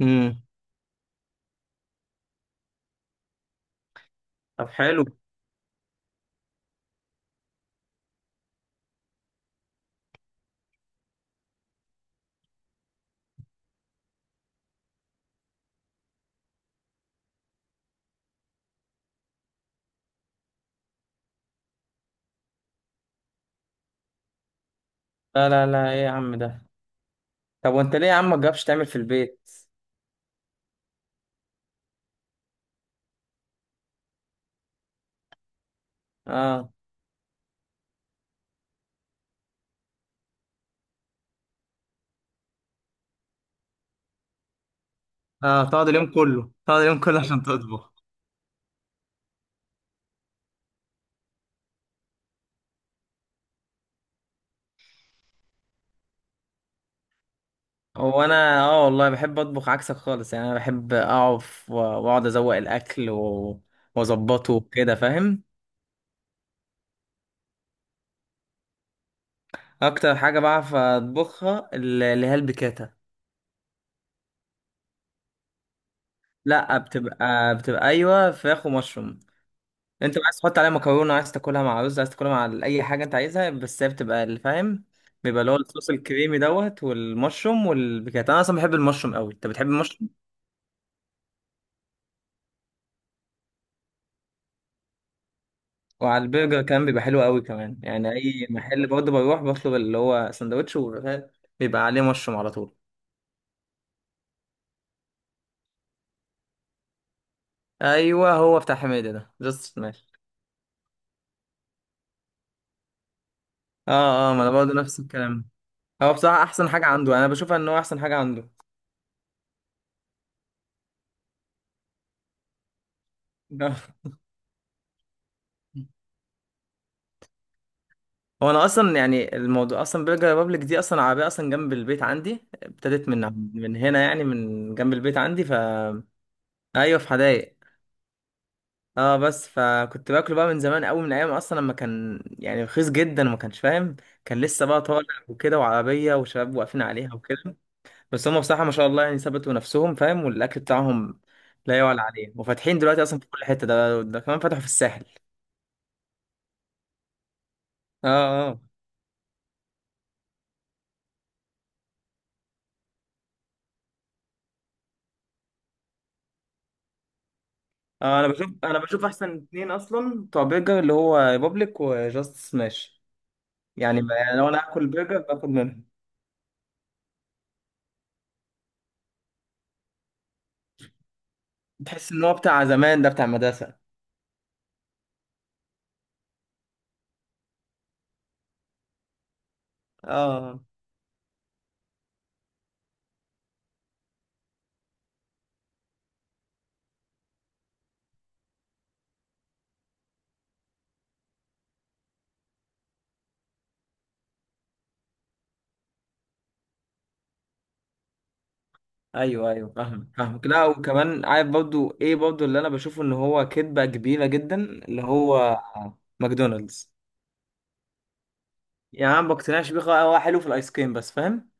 امم طب حلو. لا لا لا، ايه يا عم ده؟ طب وانت ليه يا عم ما تجربش تعمل في البيت؟ اه اه، تقعد اليوم كله عشان تطبخ. هو انا، والله بحب اطبخ عكسك خالص، يعني انا بحب اقف واقعد ازوق الاكل واظبطه وكده، فاهم؟ اكتر حاجه بعرف اطبخها اللي هي البيكاتا. لا، بتبقى ايوه فراخ ومشروم. انت عايز تحط عليها مكرونه، عايز تاكلها مع رز، عايز تاكلها مع اي حاجه انت عايزها، بس هي بتبقى اللي فاهم. بيبقى اللي هو الصوص الكريمي دوت والمشروم والبيكات. انا اصلا بحب المشروم قوي، انت بتحب المشروم؟ وعلى البرجر كمان بيبقى حلو قوي كمان، يعني اي محل برضه بروح بطلب اللي هو سندوتش وبيبقى، بيبقى عليه مشروم على طول. ايوه، هو بتاع حميدة ده جاست ماشي. اه اه، ما انا برضه نفس الكلام. هو بصراحه احسن حاجه عنده، انا بشوفها ان هو احسن حاجه عنده. هو انا اصلا يعني الموضوع، اصلا برجر ريبابليك دي اصلا عربيه اصلا جنب البيت عندي، ابتدت من هنا، يعني من جنب البيت عندي. ايوه، في حدايق. اه، بس فكنت باكله بقى من زمان قوي، من ايام اصلا لما كان يعني رخيص جدا وما كانش فاهم، كان لسه بقى طالع وكده، وعربيه وشباب واقفين عليها وكده. بس هم بصراحه ما شاء الله يعني ثبتوا نفسهم، فاهم، والاكل بتاعهم لا يعلى عليه، وفاتحين دلوقتي اصلا في كل حته، ده كمان فتحوا في الساحل. اه اه. انا بشوف احسن اتنين اصلا بتوع برجر اللي هو بابليك وجاست سماش. يعني يعني لو انا هاكل برجر باخد منهم. تحس ان هو بتاع زمان، ده بتاع مدرسه. اه ايوه ايوه، فاهم فاهمك. لا وكمان عارف برضو، ايه برضو اللي انا بشوفه ان هو كدبه كبيره جدا اللي هو ماكدونالدز. يعني انا ما بقتنعش بيه خالص، هو حلو في الايس كريم بس، فاهم.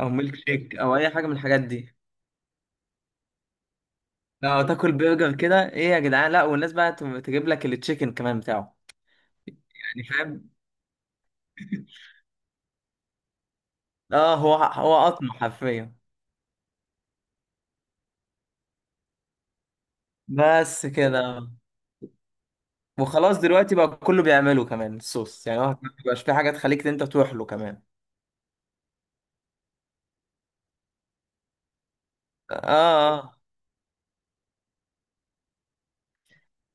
او ميلك شيك او اي حاجه من الحاجات دي. لا، تاكل برجر كده؟ ايه يا جدعان، لا، والناس بقى تجيب لك التشيكن كمان بتاعه. يعني فاهم. اه، هو قطمة حرفيا. بس كده. وخلاص دلوقتي بقى كله بيعمله كمان الصوص، يعني هو ما بيبقاش في حاجة تخليك انت تروح له كمان. اه اه.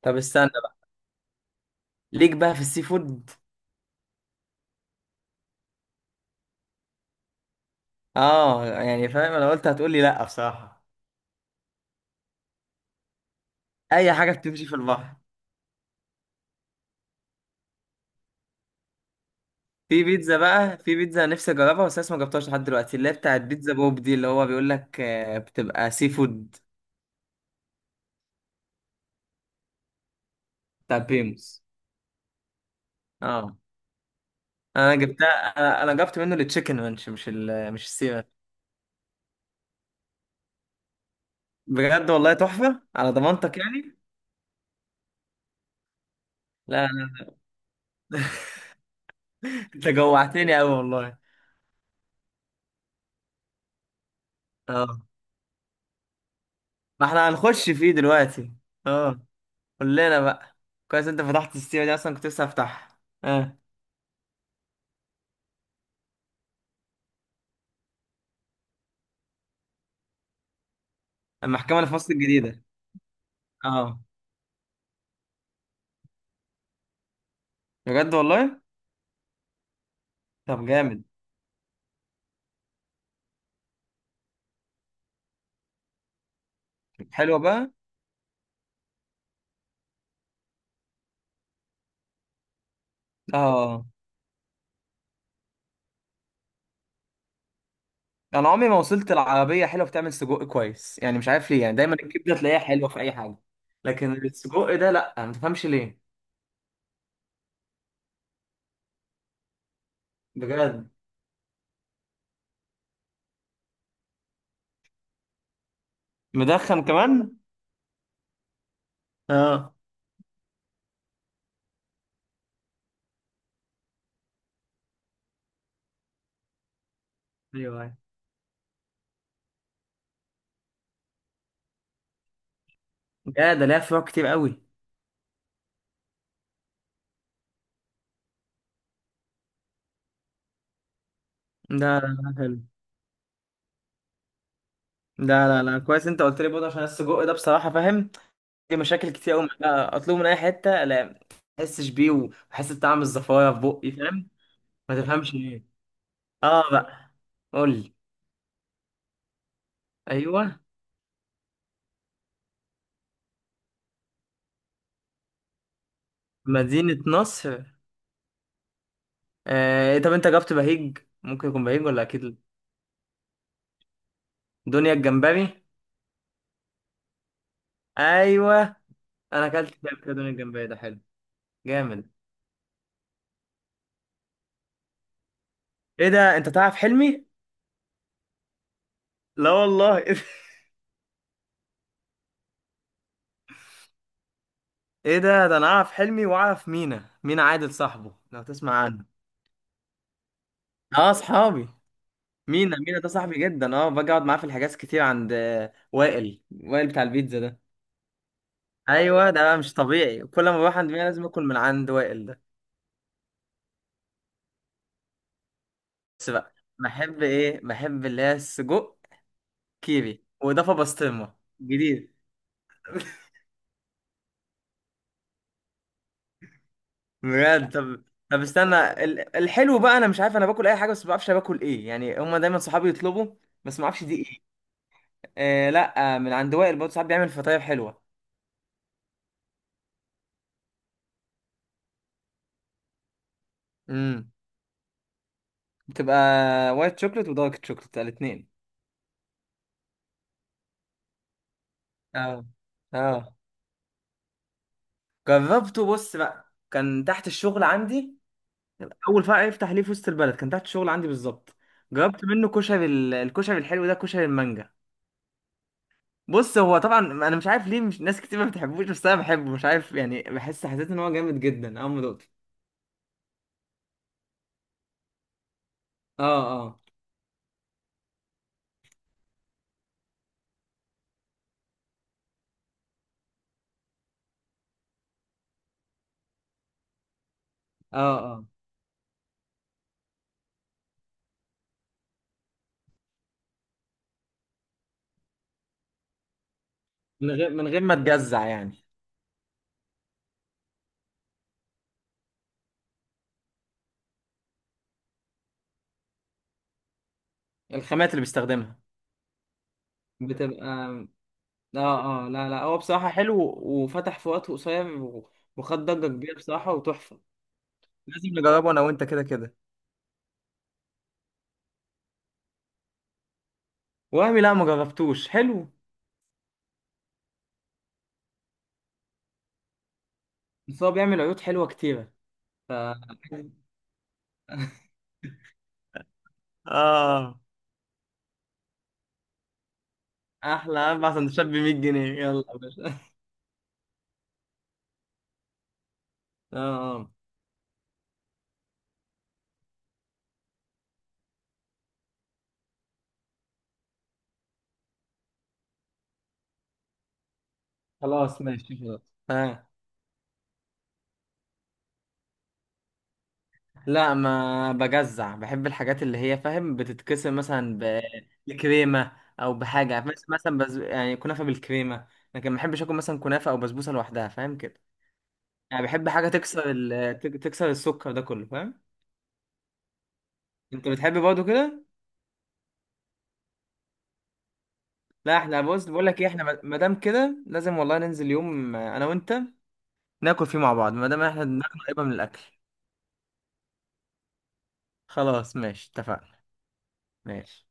طب استنى بقى. ليك بقى في السي فود؟ اه يعني فاهم، انا قلت هتقول لي لا بصراحة. اي حاجة بتمشي في البحر. في بيتزا نفسي اجربها، بس لسه ما جربتهاش لحد دلوقتي، اللي هي بتاعت بيتزا بوب دي، اللي هو بيقول لك بتبقى سي فود. بتاع بريموس. اه، انا جبتها. انا جبت منه التشيكن رانش، مش ال مش السي. بجد والله تحفة، على ضمانتك يعني. لا لا. انت جوعتني قوي والله. اه، ما احنا هنخش فيه دلوقتي. اه، قول لنا بقى. كويس، انت فتحت السيرة دي، اصلا كنت لسه هفتحها. اه. المحكمة اللي في مصر الجديدة؟ اه. بجد والله. طب جامد. حلوة بقى. اه، انا عمري ما وصلت العربية حلوة بتعمل سجق كويس، يعني مش عارف ليه، يعني دايما الكبدة تلاقيها حلوة في اي حاجة، لكن السجق ده لا، ما تفهمش ليه. بجد؟ مدخن كمان؟ اه ايوه أيوه. يا ده ليها فروع كتير قوي. ده لا لا، حلو. ده لا لا، كويس انت قلت لي برضه عشان السجق ده بصراحه فاهم، في مشاكل كتير قوي معاه، اطلبه من اي حته، لا ما احسش بيه واحس بطعم الزفاره في بقي، فاهم. ما تفهمش ليه. اه بقى. قول لي. ايوه. مدينه نصر؟ آه إيه، طب انت جبت بهيج؟ ممكن يكون بهيج ولا اكيد لا. دنيا الجمبري. ايوه، انا اكلت فيها قبل كده، دنيا الجمبري ده حلو. جامد. ايه ده، انت تعرف حلمي؟ لا والله. ايه ده انا اعرف حلمي واعرف مينا مينا عادل صاحبه، لو تسمع عنه. اه، صحابي. مينا ده صاحبي جدا، اه، باجي اقعد معاه في الحجاز كتير، عند وائل بتاع البيتزا ده. ايوه، ده بقى مش طبيعي، كل ما بروح عند مينا لازم اكل من عند وائل ده. بس بقى، بحب اللي هي السجق كيري واضافه بسطرمه. جديد. بجد طب. طب استنى الحلو بقى، انا مش عارف، انا باكل اي حاجه، بس ما بعرفش أنا باكل ايه، يعني هما دايما صحابي يطلبوا، بس ما اعرفش دي ايه. آه لا، من عند وائل برضه ساعات بيعمل فطاير حلوه. امم بتبقى وايت شوكليت ودارك شوكليت الاثنين. اه اه، جربته. بص بقى، كان تحت الشغل عندي، اول فرع يفتح ليه في وسط البلد كان تحت الشغل عندي بالظبط. جربت منه كشري الكشري الحلو ده، كشري المانجا. بص، هو طبعا انا مش عارف ليه مش ناس كتير ما بتحبوش، بس انا بحبه، مش عارف يعني، بحس، حسيت ان هو جامد جدا اول ما دقته. اه اه اه اه. من غير ما تجزع يعني. الخامات اللي بيستخدمها. بتبقى. اه اه، لا لا، هو بصراحة حلو وفتح في وقت قصير وخد ضجة كبيرة بصراحة وتحفة. لازم نجربه انا وانت كده كده. وهمي؟ لا ما جربتوش حلو، بس هو بيعمل عيوط حلوة كتيرة. ف اه، احلى اربع سندوتشات ب 100 جنيه، يلا يا باشا. اه اه. خلاص ماشي خلاص. آه. لا ما بجزع، بحب الحاجات اللي هي فاهم بتتكسر، مثلا بكريمة، او بحاجة مثلا يعني كنافة بالكريمة، لكن ما بحبش اكل مثلا كنافة او بسبوسة لوحدها، فاهم كده. يعني بحب حاجة تكسر تكسر السكر ده كله، فاهم. انت بتحب برضه كده؟ لا، احنا بص بقول لك ايه، احنا ما دام كده لازم والله ننزل يوم، انا وانت ناكل فيه مع بعض، ما دام احنا دماغنا قريبة من الاكل. خلاص ماشي اتفقنا. ماشي.